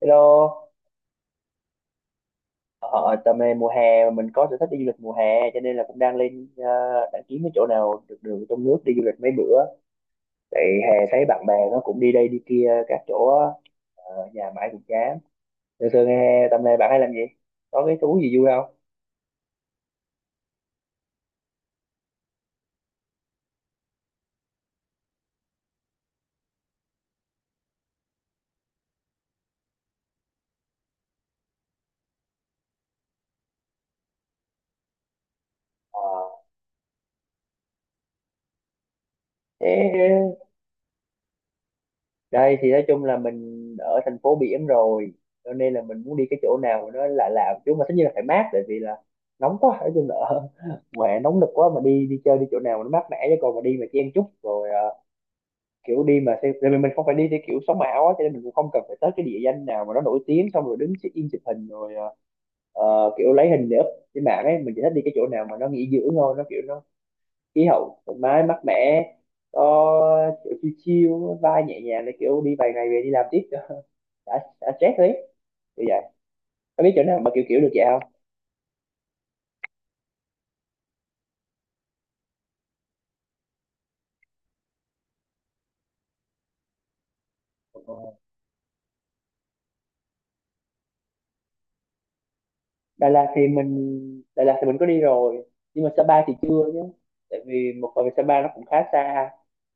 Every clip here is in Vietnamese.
Hello. Ờ, Tầm này mùa hè mà mình có sở thích đi du lịch mùa hè cho nên là cũng đang lên, đang kiếm cái chỗ nào được đường trong nước đi du lịch mấy bữa. Tại hè thấy bạn bè nó cũng đi đây đi kia các chỗ á, nhà mãi cũng chán. Thường thường hè tầm này bạn hay làm gì? Có cái thú gì vui không? Ờ, Thế đây thì nói chung là mình ở thành phố biển rồi cho nên là mình muốn đi cái chỗ nào mà nó lạ lạ một chút, mà tất nhiên là phải mát, tại vì là nóng quá, nói chung là ở mùa hè nóng nực quá mà đi đi chơi đi chỗ nào mà nó mát mẻ, chứ còn mà đi mà chen chúc rồi kiểu đi mà theo, tại vì mình không phải đi theo kiểu sống ảo á, cho nên mình cũng không cần phải tới cái địa danh nào mà nó nổi tiếng xong rồi đứng check in chụp hình rồi, kiểu lấy hình để up trên mạng ấy. Mình chỉ thích đi cái chỗ nào mà nó nghỉ dưỡng thôi, nó kiểu nó khí hậu thoải mái mát mẻ, có kiểu chill chill, vai nhẹ nhàng, để kiểu đi vài ngày về đi làm tiếp cho đã stress đấy, kiểu vậy. Có biết chỗ nào mà kiểu kiểu được vậy không? Đà Lạt thì mình Đà Lạt thì mình có đi rồi, nhưng mà Sapa thì chưa nhé, tại vì một phần Sapa nó cũng khá xa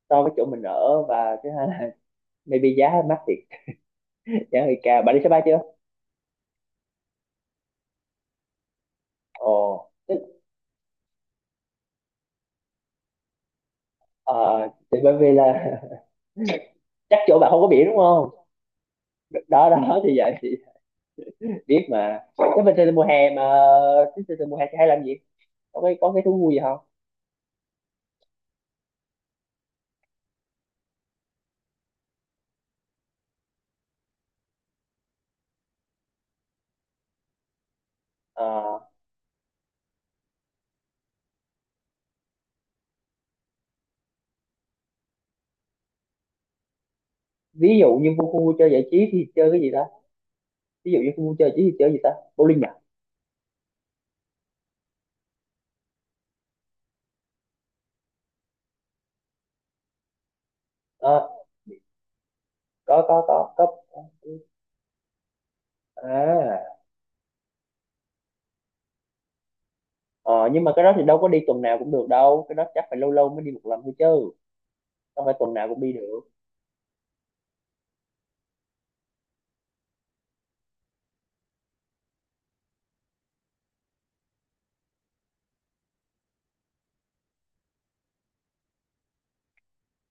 so với chỗ mình ở, và thứ hai là maybe giá mắc thiệt, giá hơi cao. Bạn đi xe bay chưa? Ồ tức, ờ thì bởi vì là chắc chỗ bạn không có biển đúng không? Đó đó thì vậy thì biết mà, cái bình thường mùa hè mà, cái bình thường mùa hè thì hay làm gì, có cái thú vui gì không? Ờ, ví dụ như khu khu vui chơi giải trí thì chơi cái gì ta, ví dụ như khu vui chơi giải trí thì chơi gì ta, bowling à? Ờ, có có. à ờ, nhưng mà cái đó thì đâu có đi tuần nào cũng được đâu, cái đó chắc phải lâu lâu mới đi một lần thôi chứ không phải tuần nào cũng đi được.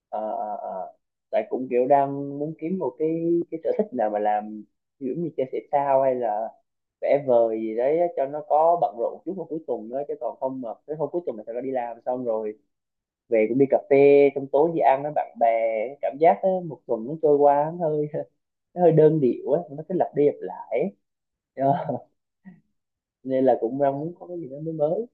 Ờ, ờ, ờ, tại cũng kiểu đang muốn kiếm một cái sở thích nào mà làm, kiểu như chơi thể thao hay là vẽ vời gì đấy á, cho nó có bận rộn chút vào cuối tuần nữa, chứ còn không mà tới hôm cuối tuần là sẽ đi làm xong rồi về cũng đi cà phê, xong tối đi ăn với bạn bè, cảm giác á, một tuần nó trôi qua nó hơi nó hơi đơn điệu á, nó cứ lặp đi lặp lại ấy. Ờ, nên là cũng đang muốn có cái gì đó mới mới.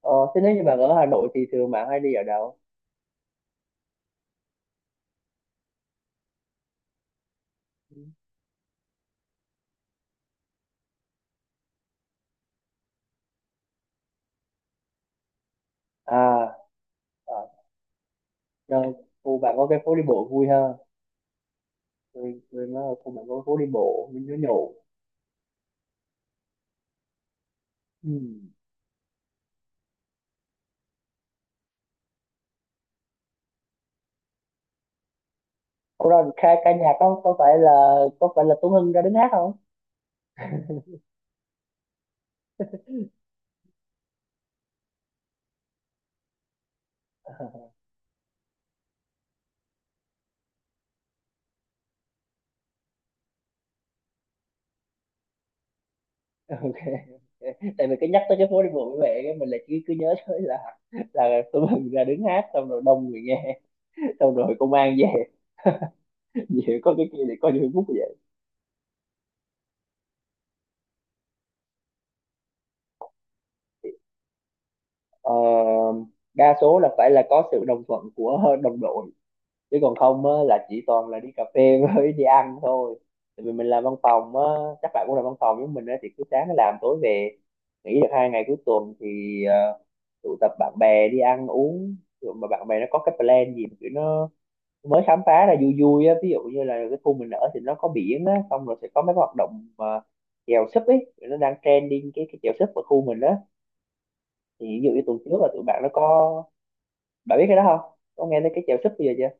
Ờ, Thế nếu như bạn ở Hà Nội thì thường bạn hay đi ở đâu? À, à, rồi, khu bạn có cái phố đi bộ vui ha, rồi, rồi nó ở khu bản có phố đi bộ mình nó nhậu. Ừ. Ủa rồi ca, ca nhạc có phải là, có phải là Tuấn Hưng ra đứng hát không? Ok. Tại vì cái nhắc tới cái phố đi bộ với mẹ cái mình là cứ cứ nhớ tới là Tuấn Hưng ra đứng hát xong rồi đông người nghe xong rồi công an về về có cái kia thì có Facebook vậy. Ờ, đa số là phải là có sự đồng thuận của đồng đội, chứ còn không á, là chỉ toàn là đi cà phê với đi ăn thôi, tại vì mình làm văn phòng á, các bạn cũng làm văn phòng với mình á, thì cứ sáng làm tối về, nghỉ được hai ngày cuối tuần thì ờ, tụ tập bạn bè đi ăn uống rồi mà bạn bè nó có cái plan gì mà kiểu nó mới khám phá ra vui vui á, ví dụ như là cái khu mình ở thì nó có biển á, xong rồi sẽ có mấy cái hoạt động mà chèo súp ấy, nó đang trending cái chèo súp ở khu mình á. Thì ví dụ như tuần trước là tụi bạn nó có, bạn biết cái đó không, có nghe tới cái chèo súp bây giờ chưa?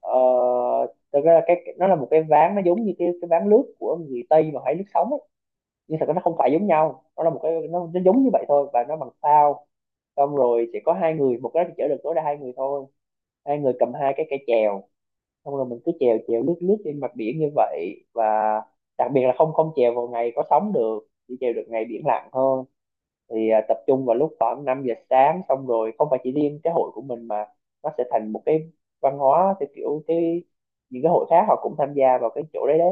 Ờ, thực ra là cái nó là một cái ván, nó giống như cái ván lướt của người Tây mà hay lướt sóng ấy, nhưng thật ra nó không phải giống nhau, nó là một cái nó giống như vậy thôi và nó bằng phao, xong rồi chỉ có hai người một cái thì chở được tối đa hai người thôi, hai người cầm hai cái cây chèo, xong rồi mình cứ chèo chèo lướt lướt trên mặt biển như vậy. Và đặc biệt là không không chèo vào ngày có sóng được, chỉ chèo được ngày biển lặng thôi. Thì tập trung vào lúc khoảng 5 giờ sáng, xong rồi không phải chỉ riêng cái hội của mình mà nó sẽ thành một cái văn hóa, theo kiểu cái những cái hội khác họ cũng tham gia vào cái chỗ đấy đấy,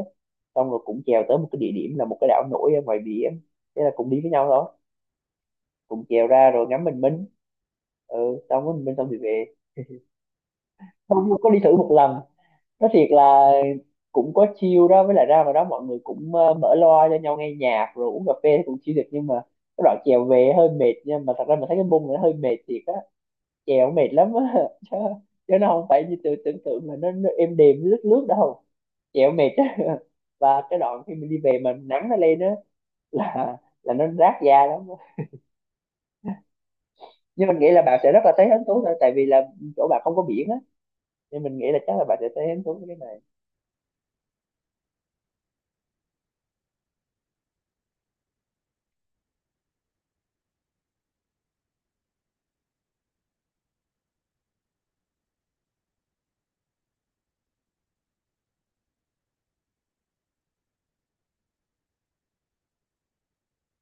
xong rồi cũng chèo tới một cái địa điểm là một cái đảo nổi ở ngoài biển, thế là cũng đi với nhau đó, cũng chèo ra rồi ngắm bình minh. Ừ, xong rồi bình minh xong thì về. Không có đi thử một lần, nói thiệt là cũng có chill đó, với lại ra vào đó mọi người cũng mở loa cho nhau nghe nhạc rồi uống cà phê thì cũng chill được, nhưng mà cái đoạn chèo về hơi mệt nha, mà thật ra mình thấy cái bung này nó hơi mệt thiệt á, chèo mệt lắm á chứ, chứ nó không phải như từ tưởng tượng là nó êm đềm lướt lướt đâu, chèo mệt á và cái đoạn khi mình đi về mà nắng nó lên á là là nó rát da lắm, nhưng mình nghĩ là bạn sẽ rất là thấy hứng thú thôi, tại vì là chỗ bạn không có biển á nên mình nghĩ là chắc là bạn sẽ thấy hứng thú với cái này.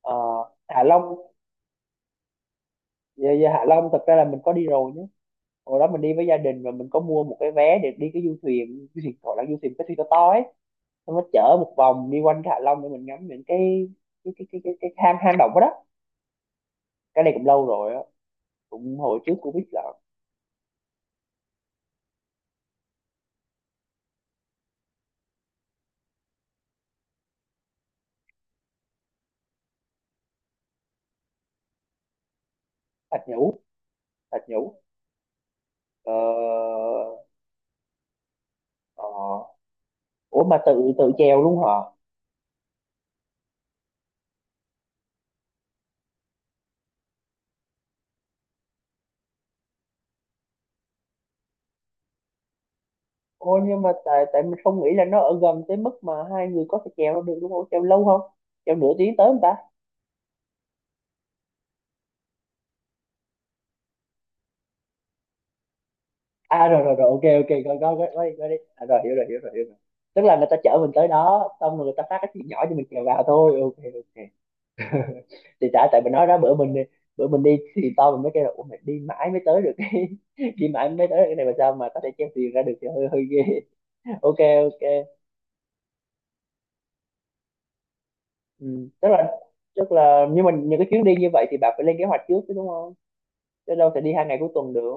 Ờ, Hạ Long. Dạ, dạ Hạ Long thật ra là mình có đi rồi nhé, hồi đó mình đi với gia đình và mình có mua một cái vé để đi cái du thuyền, du thuyền gọi là du thuyền cái thuyền to to ấy, xong nó chở một vòng đi quanh cái Hạ Long để mình ngắm những cái hang hang động đó, đó. Cái này cũng lâu rồi á, cũng hồi trước Covid là. Thạch Nhũ. Thạch Nhũ. Ờ, ờ, ủa mà tự tự chèo luôn hả? Ôi nhưng mà tại tại mình không nghĩ là nó ở gần tới mức mà hai người có thể chèo nó được đúng không, chèo lâu không, chèo nửa tiếng tới không ta? À rồi rồi rồi, ok, ok, có đi, có đi, à, rồi hiểu rồi hiểu rồi hiểu rồi, tức là người ta chở mình tới đó xong rồi người ta phát cái chuyện nhỏ cho mình kèo vào thôi, ok ok. Thì tại tại mình nói đó, bữa mình đi, bữa mình đi thì to mình mới kêu là ủa mày đi mãi mới tới được cái đi mãi mới tới được cái này mà sao mà có thể chèo thuyền ra được thì hơi hơi ghê. Ok, ok. Ừ, tức là, tức là nhưng mà những cái chuyến đi như vậy thì bạn phải lên kế hoạch trước chứ đúng không, chứ đâu thể đi hai ngày cuối tuần được.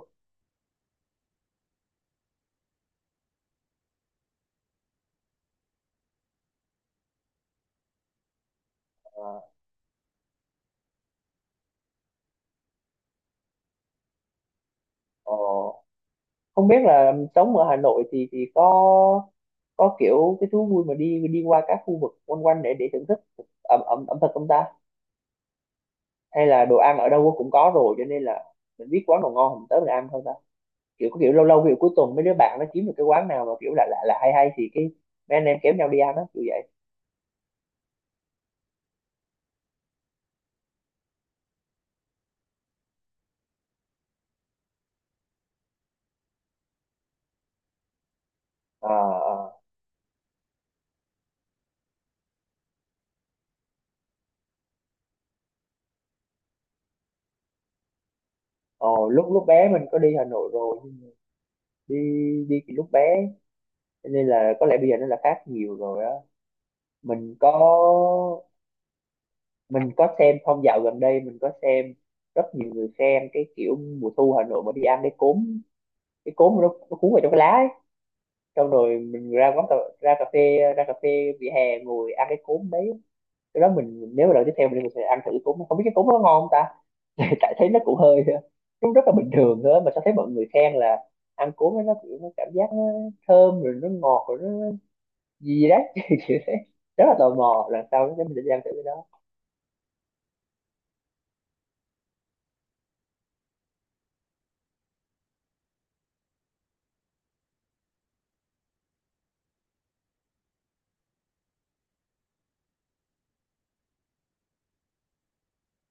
Ờ. Ồ, không biết là sống ở Hà Nội thì có kiểu cái thú vui mà đi đi qua các khu vực quanh quanh để thưởng thức ẩm ẩm ẩm thực không ta, hay là đồ ăn ở đâu cũng có rồi cho nên là mình biết quán nào ngon mình tới mình ăn thôi ta, kiểu có kiểu lâu lâu kiểu cuối tuần mấy đứa bạn nó kiếm được cái quán nào mà kiểu lạ lạ là hay hay thì cái mấy anh em kéo nhau đi ăn á, kiểu vậy. À, à. Ồ, lúc lúc bé mình có đi Hà Nội rồi, nhưng đi đi thì lúc bé cho nên là có lẽ bây giờ nó là khác nhiều rồi á. Mình có, mình có xem phong dạo gần đây, mình có xem rất nhiều người xem cái kiểu mùa thu Hà Nội mà đi ăn cái cốm, cái cốm nó cuốn vào trong cái lá ấy, xong rồi mình ra quán cà, ra cà phê, ra cà phê vỉa hè ngồi ăn cái cốm đấy. Cái đó mình nếu mà lần tiếp theo mình sẽ ăn thử cốm, không biết cái cốm nó ngon không ta, tại thấy nó cũng hơi cũng rất là bình thường thôi mà sao thấy mọi người khen là ăn cốm ấy nó kiểu nó cảm giác nó thơm rồi nó ngọt rồi nó gì đấy kiểu thế, rất là tò mò, lần sau nếu mình sẽ đi ăn thử cái đó.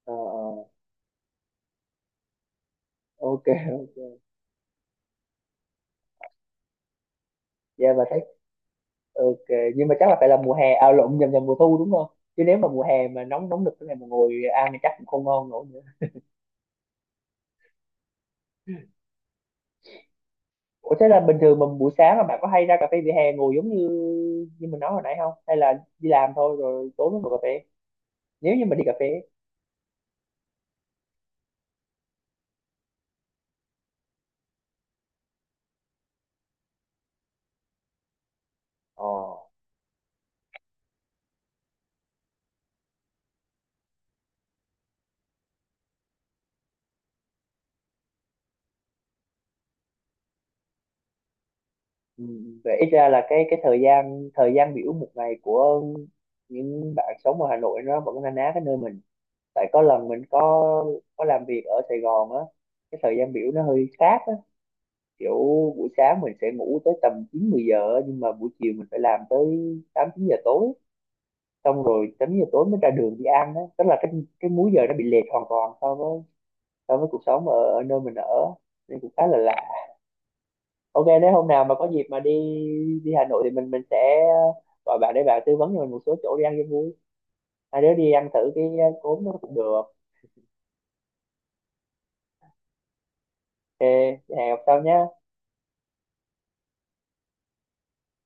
Ờ, ờ, ok dạ và ok. Nhưng mà chắc là phải là mùa hè à lộn nhầm nhầm mùa thu đúng không, chứ nếu mà mùa hè mà nóng nóng nực thế này mà ngồi ăn thì chắc cũng không ngon nổi nữa. Ủa thế là bình thường mà buổi sáng là bạn có hay ra cà phê vỉa hè ngồi giống như như mình nói hồi nãy không, hay là đi làm thôi rồi tối mới ngồi cà phê, nếu như mà đi cà phê ấy. Ờ. Ừ, vậy ít ra là cái thời gian biểu một ngày của những bạn sống ở Hà Nội nó vẫn na ná cái nơi mình. Tại có lần mình có làm việc ở Sài Gòn á, cái thời gian biểu nó hơi khác á, kiểu buổi sáng mình sẽ ngủ tới tầm 9 10 giờ á, nhưng mà buổi chiều mình phải làm tới 8 9 giờ tối, xong rồi 8 giờ tối mới ra đường đi ăn đó, tức là cái múi giờ nó bị lệch hoàn toàn so với cuộc sống ở, ở nơi mình ở, nên cũng khá là lạ. Ok, nếu hôm nào mà có dịp mà đi đi Hà Nội thì mình sẽ gọi bạn để bạn tư vấn cho mình một số chỗ đi ăn cho vui, hai đứa đi ăn thử cái cốm nó cũng được. Ok, hẹn gặp sau nhé.